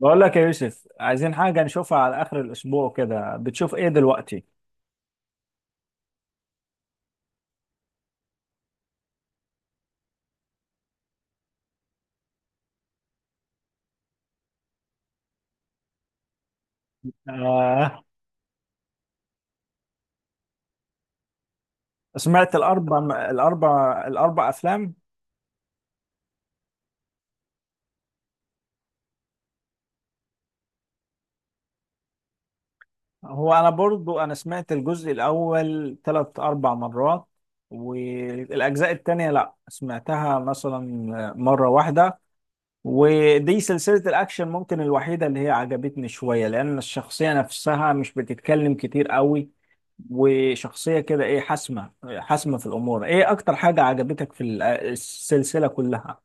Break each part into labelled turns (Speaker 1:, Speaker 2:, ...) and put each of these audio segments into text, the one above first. Speaker 1: بقول لك يا يوسف، عايزين حاجة نشوفها على آخر الأسبوع كده. بتشوف إيه دلوقتي؟ آه. سمعت الأربع أفلام؟ هو أنا برضو أنا سمعت الجزء الأول ثلاث أربع مرات. والأجزاء التانية لأ، سمعتها مثلا مرة واحدة. ودي سلسلة الأكشن ممكن الوحيدة اللي هي عجبتني شوية، لأن الشخصية نفسها مش بتتكلم كتير قوي، وشخصية كده ايه، حاسمة. حاسمة في الأمور. ايه أكتر حاجة عجبتك في السلسلة كلها؟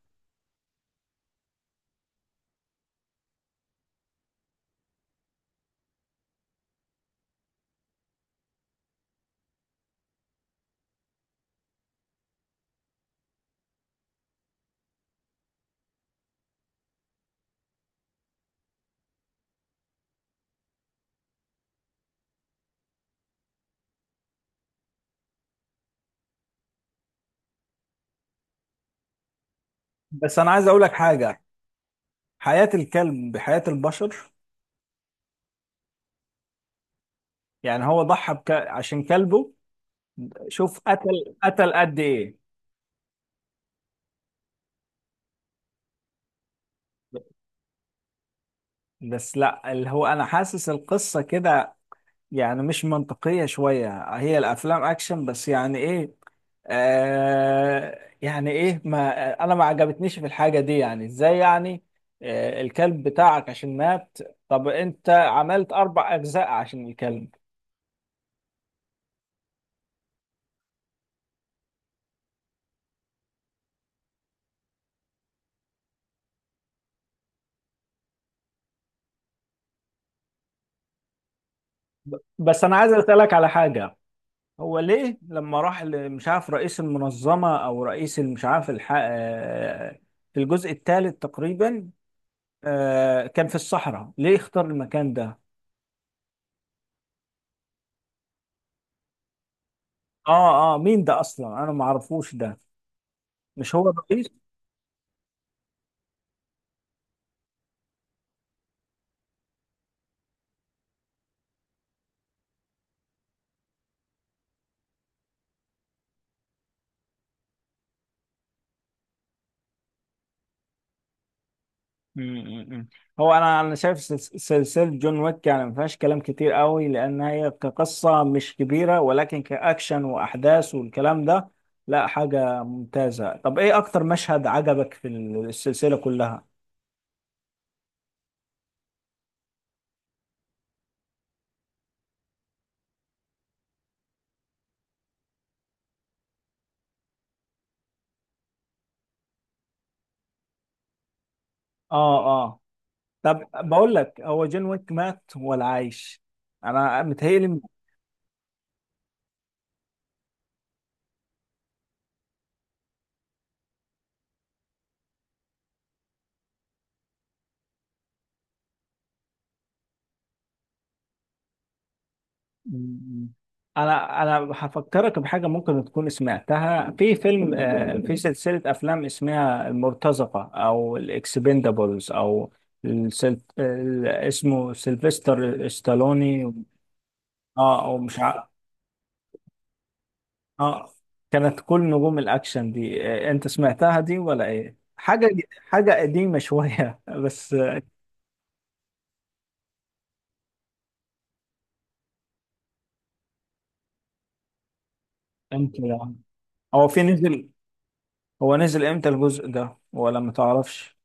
Speaker 1: بس أنا عايز أقولك حاجة، حياة الكلب بحياة البشر. يعني هو ضحى عشان كلبه. شوف قتل، قتل قد ايه. بس لا، اللي هو أنا حاسس القصة كده يعني مش منطقية شوية. هي الأفلام أكشن، بس يعني إيه؟ يعني إيه؟ ما أنا ما عجبتنيش في الحاجة دي. يعني إزاي يعني؟ آه، الكلب بتاعك عشان مات، طب أنت عملت أربع أجزاء عشان الكلب؟ بس أنا عايز أسألك على حاجة. هو ليه لما راح مش عارف رئيس المنظمة، أو رئيس مش عارف الح... آه في الجزء الثالث تقريبا، آه كان في الصحراء، ليه اختار المكان ده؟ اه اه، مين ده اصلا؟ انا ما اعرفوش ده. مش هو الرئيس؟ امم هو انا شايف سلسله جون ويك، يعني ما فيهاش كلام كتير قوي، لان هي كقصه مش كبيره، ولكن كاكشن واحداث والكلام ده، لا حاجه ممتازه. طب ايه اكتر مشهد عجبك في السلسله كلها؟ اه. اه. طب بقول لك، هو جون ويك مات ولا عايش؟ انا متهيألي. م- م. انا هفكرك بحاجه ممكن تكون سمعتها في فيلم، في سلسله افلام اسمها المرتزقه او الاكسبندابلز، او اسمه سيلفستر ستالوني. اه، او مش عارف. اه، كانت كل نجوم الاكشن دي. انت سمعتها دي ولا ايه حاجه؟ حاجه قديمه شويه بس امتى يعني؟ هو في نزل، هو نزل امتى الجزء ده، ولا ما تعرفش؟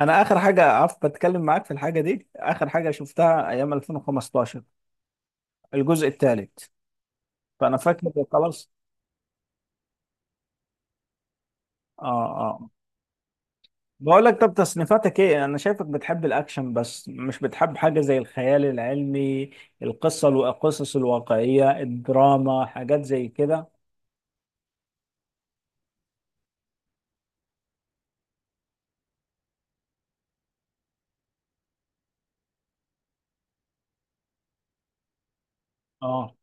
Speaker 1: انا اخر حاجه عارف بتكلم معاك في الحاجه دي، اخر حاجه شفتها ايام 2015، الجزء الثالث، فانا فاكر خلاص. اه. اه. بقول لك، طب تصنيفاتك ايه؟ انا شايفك بتحب الاكشن، بس مش بتحب حاجه زي الخيال العلمي، القصه، القصص الواقعيه، الدراما، حاجات زي كده. اه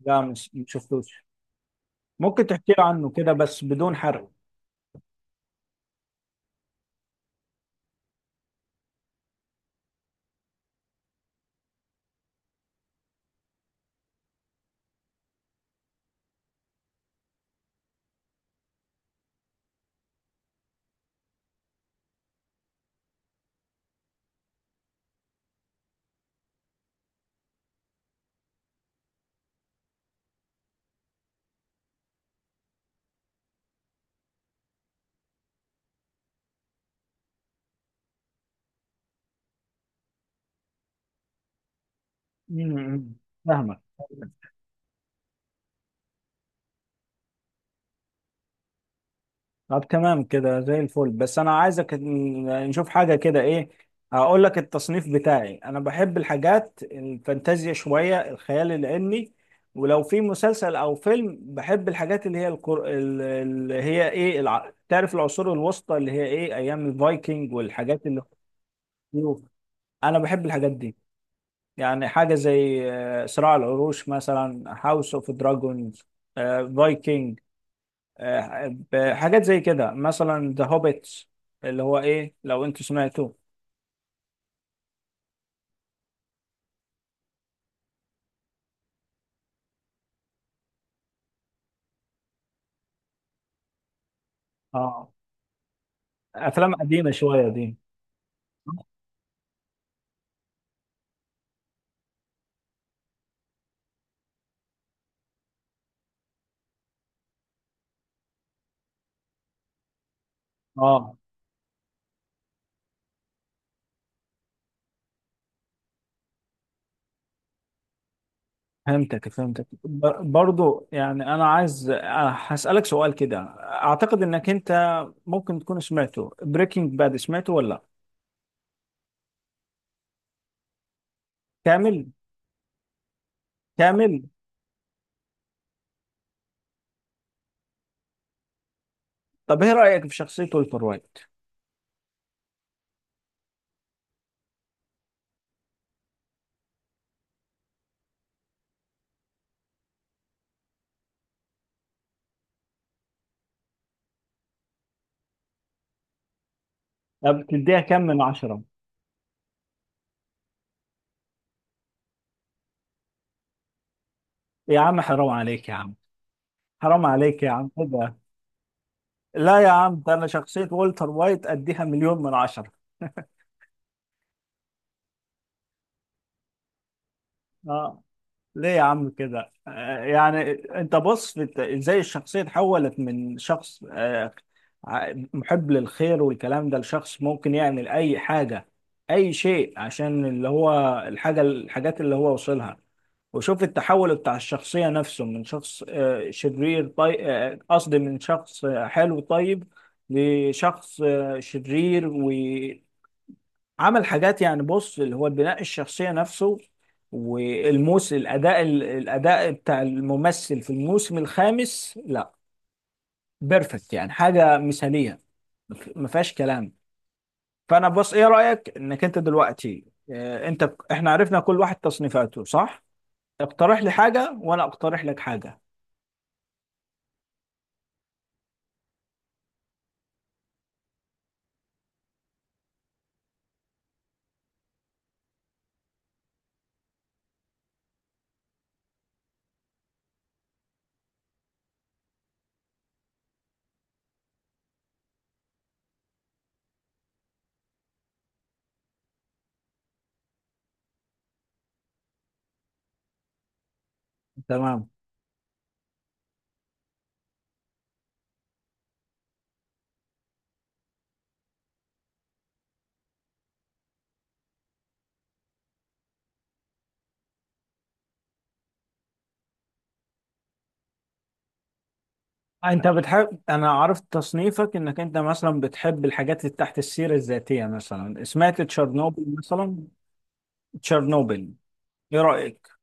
Speaker 1: لا، مش مشفتوش. ممكن تحكي لي عنه كده بس بدون حرق. امم فاهمك. طب تمام كده زي الفل، بس انا عايزك نشوف حاجه كده، ايه، هقول لك التصنيف بتاعي. انا بحب الحاجات الفانتازيا شويه، الخيال العلمي، ولو في مسلسل او فيلم بحب الحاجات اللي هي اللي هي ايه تعرف العصور الوسطى، اللي هي ايه ايام الفايكنج، والحاجات اللي انا بحب الحاجات دي. يعني حاجه زي صراع العروش مثلا، هاوس اوف دراجونز، فايكنج، بحاجات زي كده مثلا ذا هوبيتس، اللي هو ايه لو انت سمعته. اه، افلام قديمه شويه دي. اه، فهمتك فهمتك. برضو يعني انا عايز هسألك سؤال كده. اعتقد انك انت ممكن تكون سمعته، بريكنج باد، سمعته ولا لأ؟ كامل. كامل. طب ايه رأيك في شخصية ولتر وايت؟ طب تديها كام من عشرة؟ يا عم حرام عليك يا عم، حرام عليك يا عم كده. لا يا عم، ده انا شخصية ولتر وايت اديها مليون من عشرة. اه. ليه يا عم كده؟ يعني انت بص ازاي الشخصية اتحولت من شخص محب للخير والكلام ده لشخص ممكن يعمل اي حاجة، اي شيء، عشان اللي هو الحاجة، الحاجات اللي هو وصلها. وشوف التحول بتاع الشخصية نفسه من شخص شرير طيب، قصدي من شخص حلو طيب لشخص شرير. عمل حاجات، يعني بص اللي هو البناء الشخصية نفسه، والموسم، الأداء، الأداء بتاع الممثل في الموسم الخامس، لا بيرفكت، يعني حاجة مثالية ما فيهاش كلام. فأنا بص، إيه رأيك إنك أنت دلوقتي، أنت، إحنا عرفنا كل واحد تصنيفاته، صح؟ اقترح لي حاجة وأنا أقترح لك حاجة. تمام. أنت بتحب، أنا عرفت تصنيفك، إنك أنت مثلا بتحب الحاجات اللي تحت السيرة الذاتية. مثلا سمعت تشيرنوبل؟ مثلا تشيرنوبل، ايه رأيك؟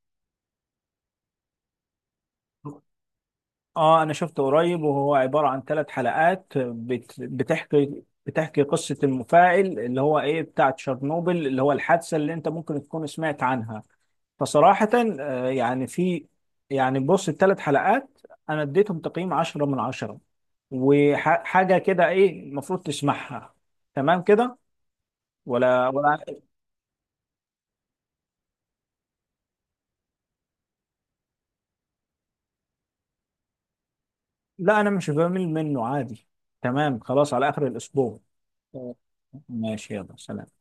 Speaker 1: اه، انا شفته قريب، وهو عبارة عن ثلاث حلقات بتحكي قصة المفاعل اللي هو ايه بتاع تشيرنوبل، اللي هو الحادثة اللي انت ممكن تكون سمعت عنها. فصراحة، يعني في، يعني بص الثلاث حلقات انا اديتهم تقييم 10/10. وحاجة كده ايه المفروض تسمعها. تمام كده، ولا ولا؟ لا انا مش بمل منه عادي. تمام خلاص، على اخر الاسبوع. ماشي، يلا سلام.